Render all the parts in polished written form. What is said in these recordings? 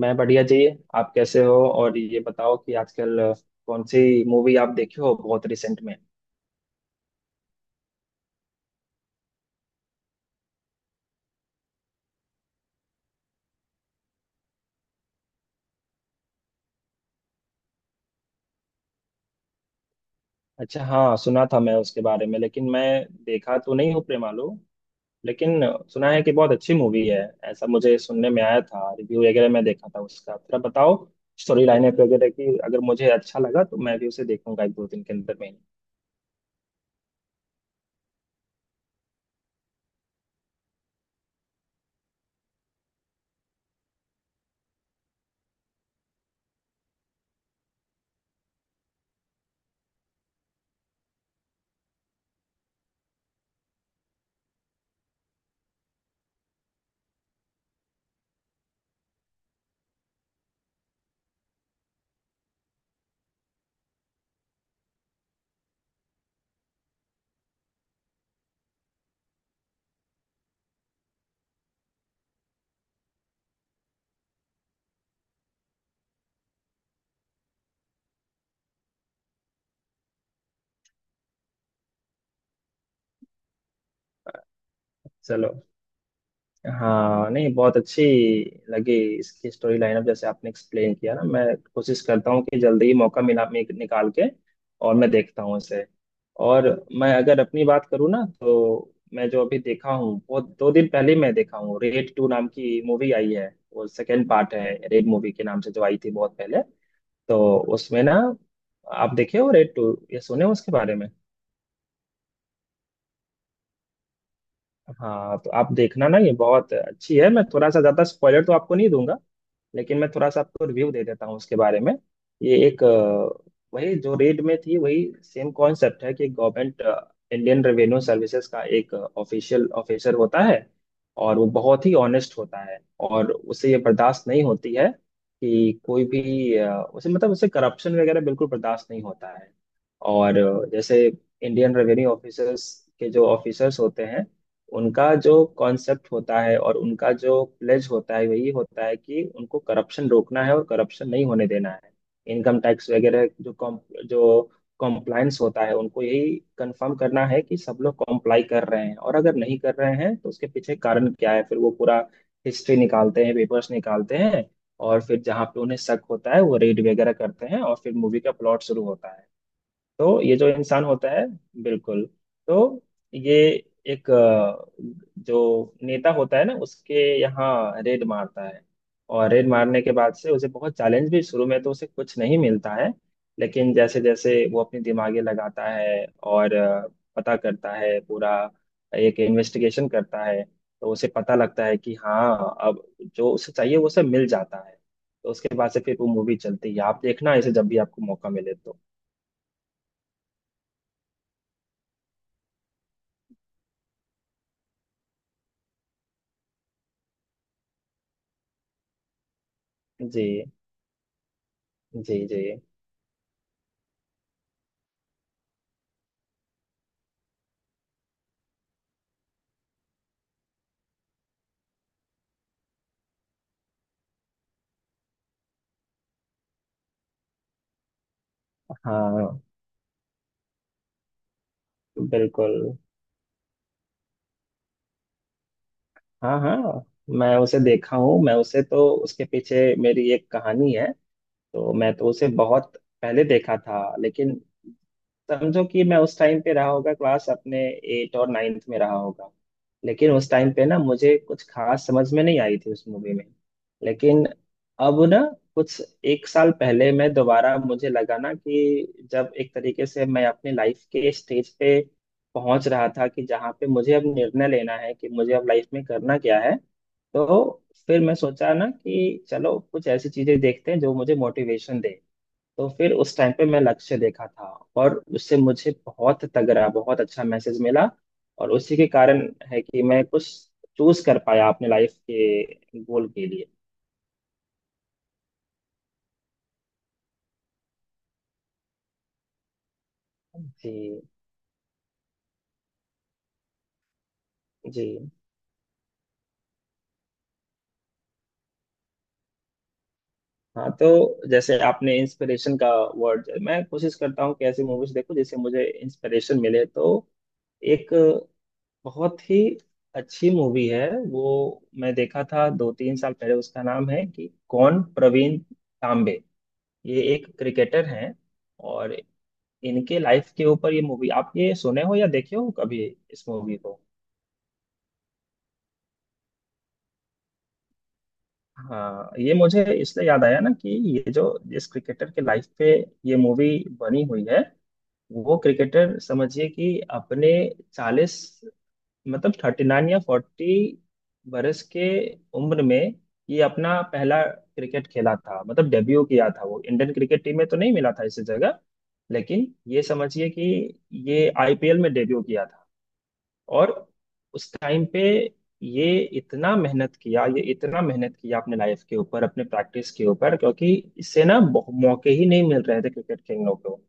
मैं बढ़िया जी। आप कैसे हो? और ये बताओ कि आजकल कौन सी मूवी आप देखे हो बहुत रिसेंट में? अच्छा, हाँ सुना था मैं उसके बारे में, लेकिन मैं देखा तो नहीं हूँ प्रेमालू, लेकिन सुना है कि बहुत अच्छी मूवी है। ऐसा मुझे सुनने में आया था, रिव्यू वगैरह मैं देखा था उसका। थोड़ा बताओ स्टोरी लाइन वगैरह की, अगर मुझे अच्छा लगा तो मैं भी उसे देखूंगा एक दो दिन के अंदर में ही। चलो, हाँ नहीं, बहुत अच्छी लगी इसकी स्टोरी लाइनअप जैसे आपने एक्सप्लेन किया ना। मैं कोशिश करता हूँ कि जल्दी ही मौका मिला मैं निकाल के और मैं देखता हूँ इसे। और मैं अगर अपनी बात करूँ ना, तो मैं जो अभी देखा हूँ वो 2 दिन पहले ही मैं देखा हूँ, रेड टू नाम की मूवी आई है। वो सेकेंड पार्ट है रेड मूवी के, नाम से जो आई थी बहुत पहले। तो उसमें ना, आप देखे हो रेड टू? ये सुने हो उसके बारे में? हाँ तो आप देखना ना, ये बहुत अच्छी है। मैं थोड़ा सा ज्यादा स्पॉइलर तो आपको नहीं दूंगा, लेकिन मैं थोड़ा सा आपको रिव्यू दे देता हूँ उसके बारे में। ये एक वही जो रेड में थी वही सेम कॉन्सेप्ट है कि गवर्नमेंट इंडियन रेवेन्यू सर्विसेज का एक ऑफिशियल ऑफिसर होता है। और वो बहुत ही ऑनेस्ट होता है, और उसे ये बर्दाश्त नहीं होती है कि कोई भी उसे, मतलब उसे करप्शन वगैरह बिल्कुल बर्दाश्त नहीं होता है। और जैसे इंडियन रेवेन्यू ऑफिसर्स के जो ऑफिसर्स होते हैं, उनका जो कॉन्सेप्ट होता है और उनका जो प्लेज होता है वही होता है कि उनको करप्शन रोकना है और करप्शन नहीं होने देना है। इनकम टैक्स वगैरह जो जो कॉम्प्लायंस होता है, उनको यही कंफर्म करना है कि सब लोग कॉम्प्लाई कर रहे हैं, और अगर नहीं कर रहे हैं तो उसके पीछे कारण क्या है। फिर वो पूरा हिस्ट्री निकालते हैं, पेपर्स निकालते हैं, और फिर जहाँ पे उन्हें शक होता है वो रेड वगैरह करते हैं और फिर मूवी का प्लॉट शुरू होता है। तो ये जो इंसान होता है, बिल्कुल, तो ये एक जो नेता होता है ना उसके यहाँ रेड मारता है। और रेड मारने के बाद से उसे बहुत चैलेंज भी, शुरू में तो उसे कुछ नहीं मिलता है। लेकिन जैसे जैसे वो अपनी दिमागे लगाता है और पता करता है पूरा, एक इन्वेस्टिगेशन करता है, तो उसे पता लगता है कि हाँ अब जो उसे चाहिए वो उसे मिल जाता है। तो उसके बाद से फिर वो मूवी चलती है। आप देखना इसे जब भी आपको मौका मिले तो। जी जी जी। हाँ बिल्कुल। हाँ हाँ, मैं उसे देखा हूँ। मैं उसे, तो उसके पीछे मेरी एक कहानी है। तो मैं तो उसे बहुत पहले देखा था, लेकिन समझो कि मैं उस टाइम पे रहा होगा, क्लास अपने एट और नाइन्थ में रहा होगा। लेकिन उस टाइम पे ना मुझे कुछ खास समझ में नहीं आई थी उस मूवी में। लेकिन अब ना, कुछ एक साल पहले मैं दोबारा, मुझे लगा ना कि जब एक तरीके से मैं अपनी लाइफ के स्टेज पे पहुंच रहा था कि जहाँ पे मुझे अब निर्णय लेना है कि मुझे अब लाइफ में करना क्या है। तो फिर मैं सोचा ना कि चलो कुछ ऐसी चीजें देखते हैं जो मुझे मोटिवेशन दे। तो फिर उस टाइम पे मैं लक्ष्य देखा था। और उससे मुझे बहुत तगड़ा, बहुत अच्छा मैसेज मिला। और उसी के कारण है कि मैं कुछ चूज कर पाया अपने लाइफ के गोल के लिए। जी जी। हाँ तो जैसे आपने इंस्पिरेशन का वर्ड, मैं कोशिश करता हूँ कि ऐसी मूवीज देखूं जिससे मुझे इंस्पिरेशन मिले। तो एक बहुत ही अच्छी मूवी है वो, मैं देखा था दो तीन साल पहले। उसका नाम है कि कौन प्रवीण तांबे। ये एक क्रिकेटर हैं, और इनके लाइफ के ऊपर ये मूवी। आप ये सुने हो या देखे हो कभी इस मूवी को? हाँ ये मुझे इसलिए याद आया ना कि ये जो जिस क्रिकेटर के लाइफ पे ये मूवी बनी हुई है, वो क्रिकेटर समझिए कि अपने 40, मतलब 39 या 40 बरस के उम्र में ये अपना पहला क्रिकेट खेला था, मतलब डेब्यू किया था। वो इंडियन क्रिकेट टीम में तो नहीं मिला था इस जगह, लेकिन ये समझिए कि ये आईपीएल में डेब्यू किया था। और उस टाइम पे ये इतना मेहनत किया, ये इतना मेहनत किया अपने लाइफ के ऊपर, अपने प्रैक्टिस के ऊपर, क्योंकि इससे ना मौके ही नहीं मिल रहे थे क्रिकेट खेलने को।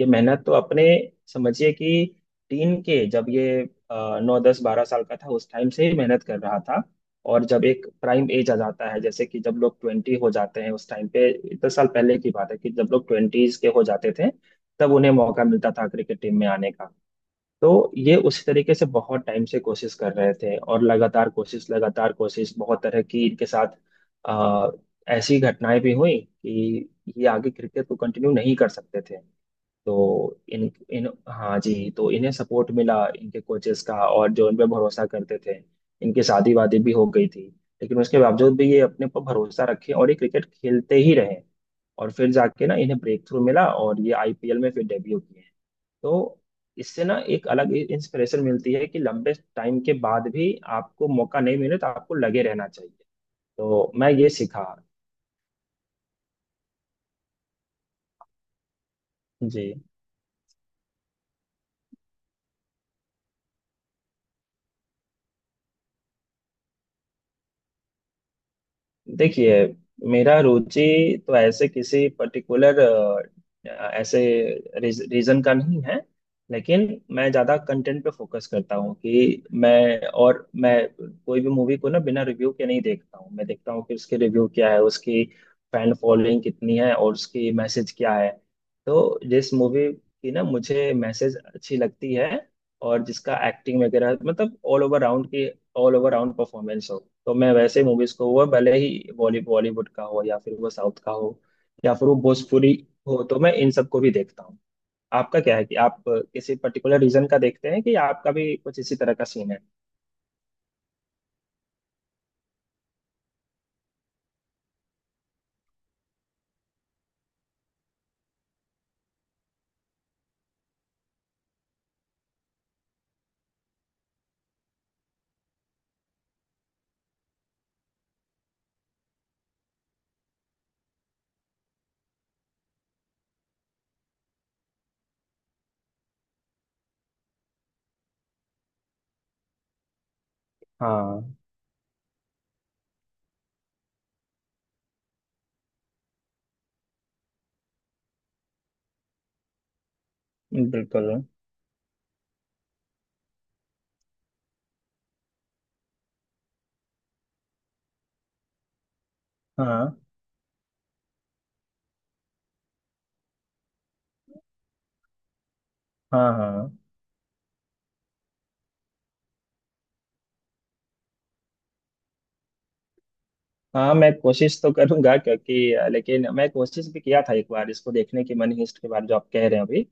ये मेहनत तो अपने समझिए कि टीन के, जब ये 9 10 12 साल का था उस टाइम से ही मेहनत कर रहा था। और जब एक प्राइम एज आ जाता है, जैसे कि जब लोग 20 हो जाते हैं उस टाइम पे, 10 साल पहले की बात है कि जब लोग ट्वेंटीज के हो जाते थे तब उन्हें मौका मिलता था क्रिकेट टीम में आने का। तो ये उसी तरीके से बहुत टाइम से कोशिश कर रहे थे, और लगातार कोशिश लगातार कोशिश, बहुत तरह की इनके साथ आ, ऐसी घटनाएं भी हुई कि ये आगे क्रिकेट को कंटिन्यू नहीं कर सकते थे। तो इन इन हाँ जी, तो इन्हें सपोर्ट मिला इनके कोचेस का और जो इन पे भरोसा करते थे। इनकी शादी वादी भी हो गई थी, लेकिन उसके बावजूद भी ये अपने पर भरोसा रखे और ये क्रिकेट खेलते ही रहे। और फिर जाके ना इन्हें ब्रेक थ्रू मिला और ये आईपीएल में फिर डेब्यू किए। तो इससे ना एक अलग इंस्पिरेशन मिलती है कि लंबे टाइम के बाद भी आपको मौका नहीं मिले तो आपको लगे रहना चाहिए। तो मैं ये सीखा। जी। देखिए, मेरा रुचि तो ऐसे किसी पर्टिकुलर ऐसे रीजन का नहीं है, लेकिन मैं ज़्यादा कंटेंट पे फोकस करता हूँ कि मैं, और मैं कोई भी मूवी को ना बिना रिव्यू के नहीं देखता हूँ। मैं देखता हूँ कि उसके रिव्यू क्या है, उसकी फैन फॉलोइंग कितनी है, और उसकी मैसेज क्या है। तो जिस मूवी की ना मुझे मैसेज अच्छी लगती है, और जिसका एक्टिंग वगैरह मतलब ऑल ओवर राउंड के, ऑल ओवर राउंड परफॉर्मेंस हो, तो मैं वैसे मूवीज को वो भले ही बॉलीवुड का हो, या फिर वो साउथ का हो, या फिर वो भोजपुरी हो, तो मैं इन सबको भी देखता हूँ। आपका क्या है कि आप किसी पर्टिकुलर रीजन का देखते हैं, कि आपका भी कुछ इसी तरह का सीन है? हाँ बिल्कुल। हाँ हाँ। हाँ हाँ, मैं कोशिश तो करूंगा क्योंकि लेकिन मैं कोशिश भी किया था एक बार इसको देखने की, मनी हिस्ट के बाद जो आप कह रहे हैं अभी।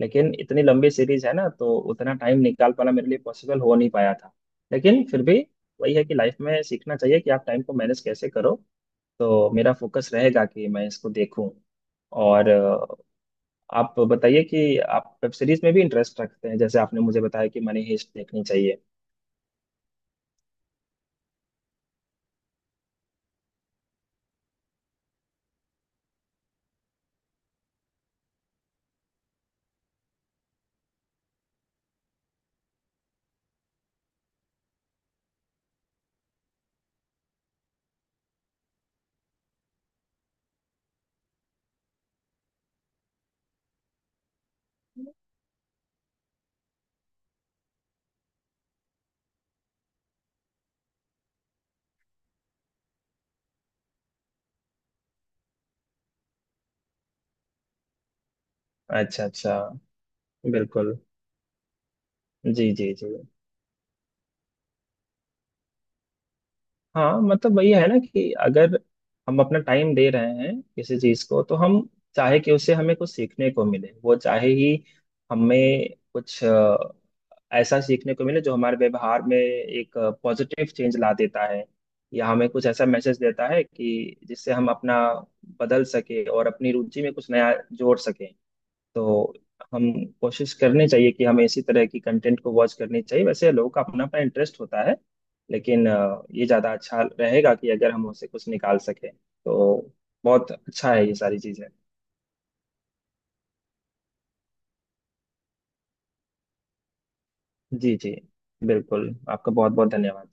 लेकिन इतनी लंबी सीरीज है ना तो उतना टाइम निकाल पाना मेरे लिए पॉसिबल हो नहीं पाया था। लेकिन फिर भी वही है कि लाइफ में सीखना चाहिए कि आप टाइम को मैनेज कैसे करो। तो मेरा फोकस रहेगा कि मैं इसको देखूं। और आप बताइए कि आप वेब सीरीज में भी इंटरेस्ट रखते हैं, जैसे आपने मुझे बताया कि मनी हिस्ट देखनी चाहिए। अच्छा अच्छा। बिल्कुल। जी जी जी। हाँ मतलब वही है ना कि अगर हम अपना टाइम दे रहे हैं किसी चीज को, तो हम चाहे कि उससे हमें कुछ सीखने को मिले, वो चाहे ही हमें कुछ ऐसा सीखने को मिले जो हमारे व्यवहार में एक पॉजिटिव चेंज ला देता है, या हमें कुछ ऐसा मैसेज देता है कि जिससे हम अपना बदल सके और अपनी रुचि में कुछ नया जोड़ सके। तो हम कोशिश करनी चाहिए कि हमें इसी तरह की कंटेंट को वॉच करनी चाहिए। वैसे लोगों का अपना अपना इंटरेस्ट होता है, लेकिन ये ज़्यादा अच्छा रहेगा कि अगर हम उसे कुछ निकाल सकें तो बहुत अच्छा है ये सारी चीज़ें। जी जी। बिल्कुल आपका बहुत बहुत धन्यवाद।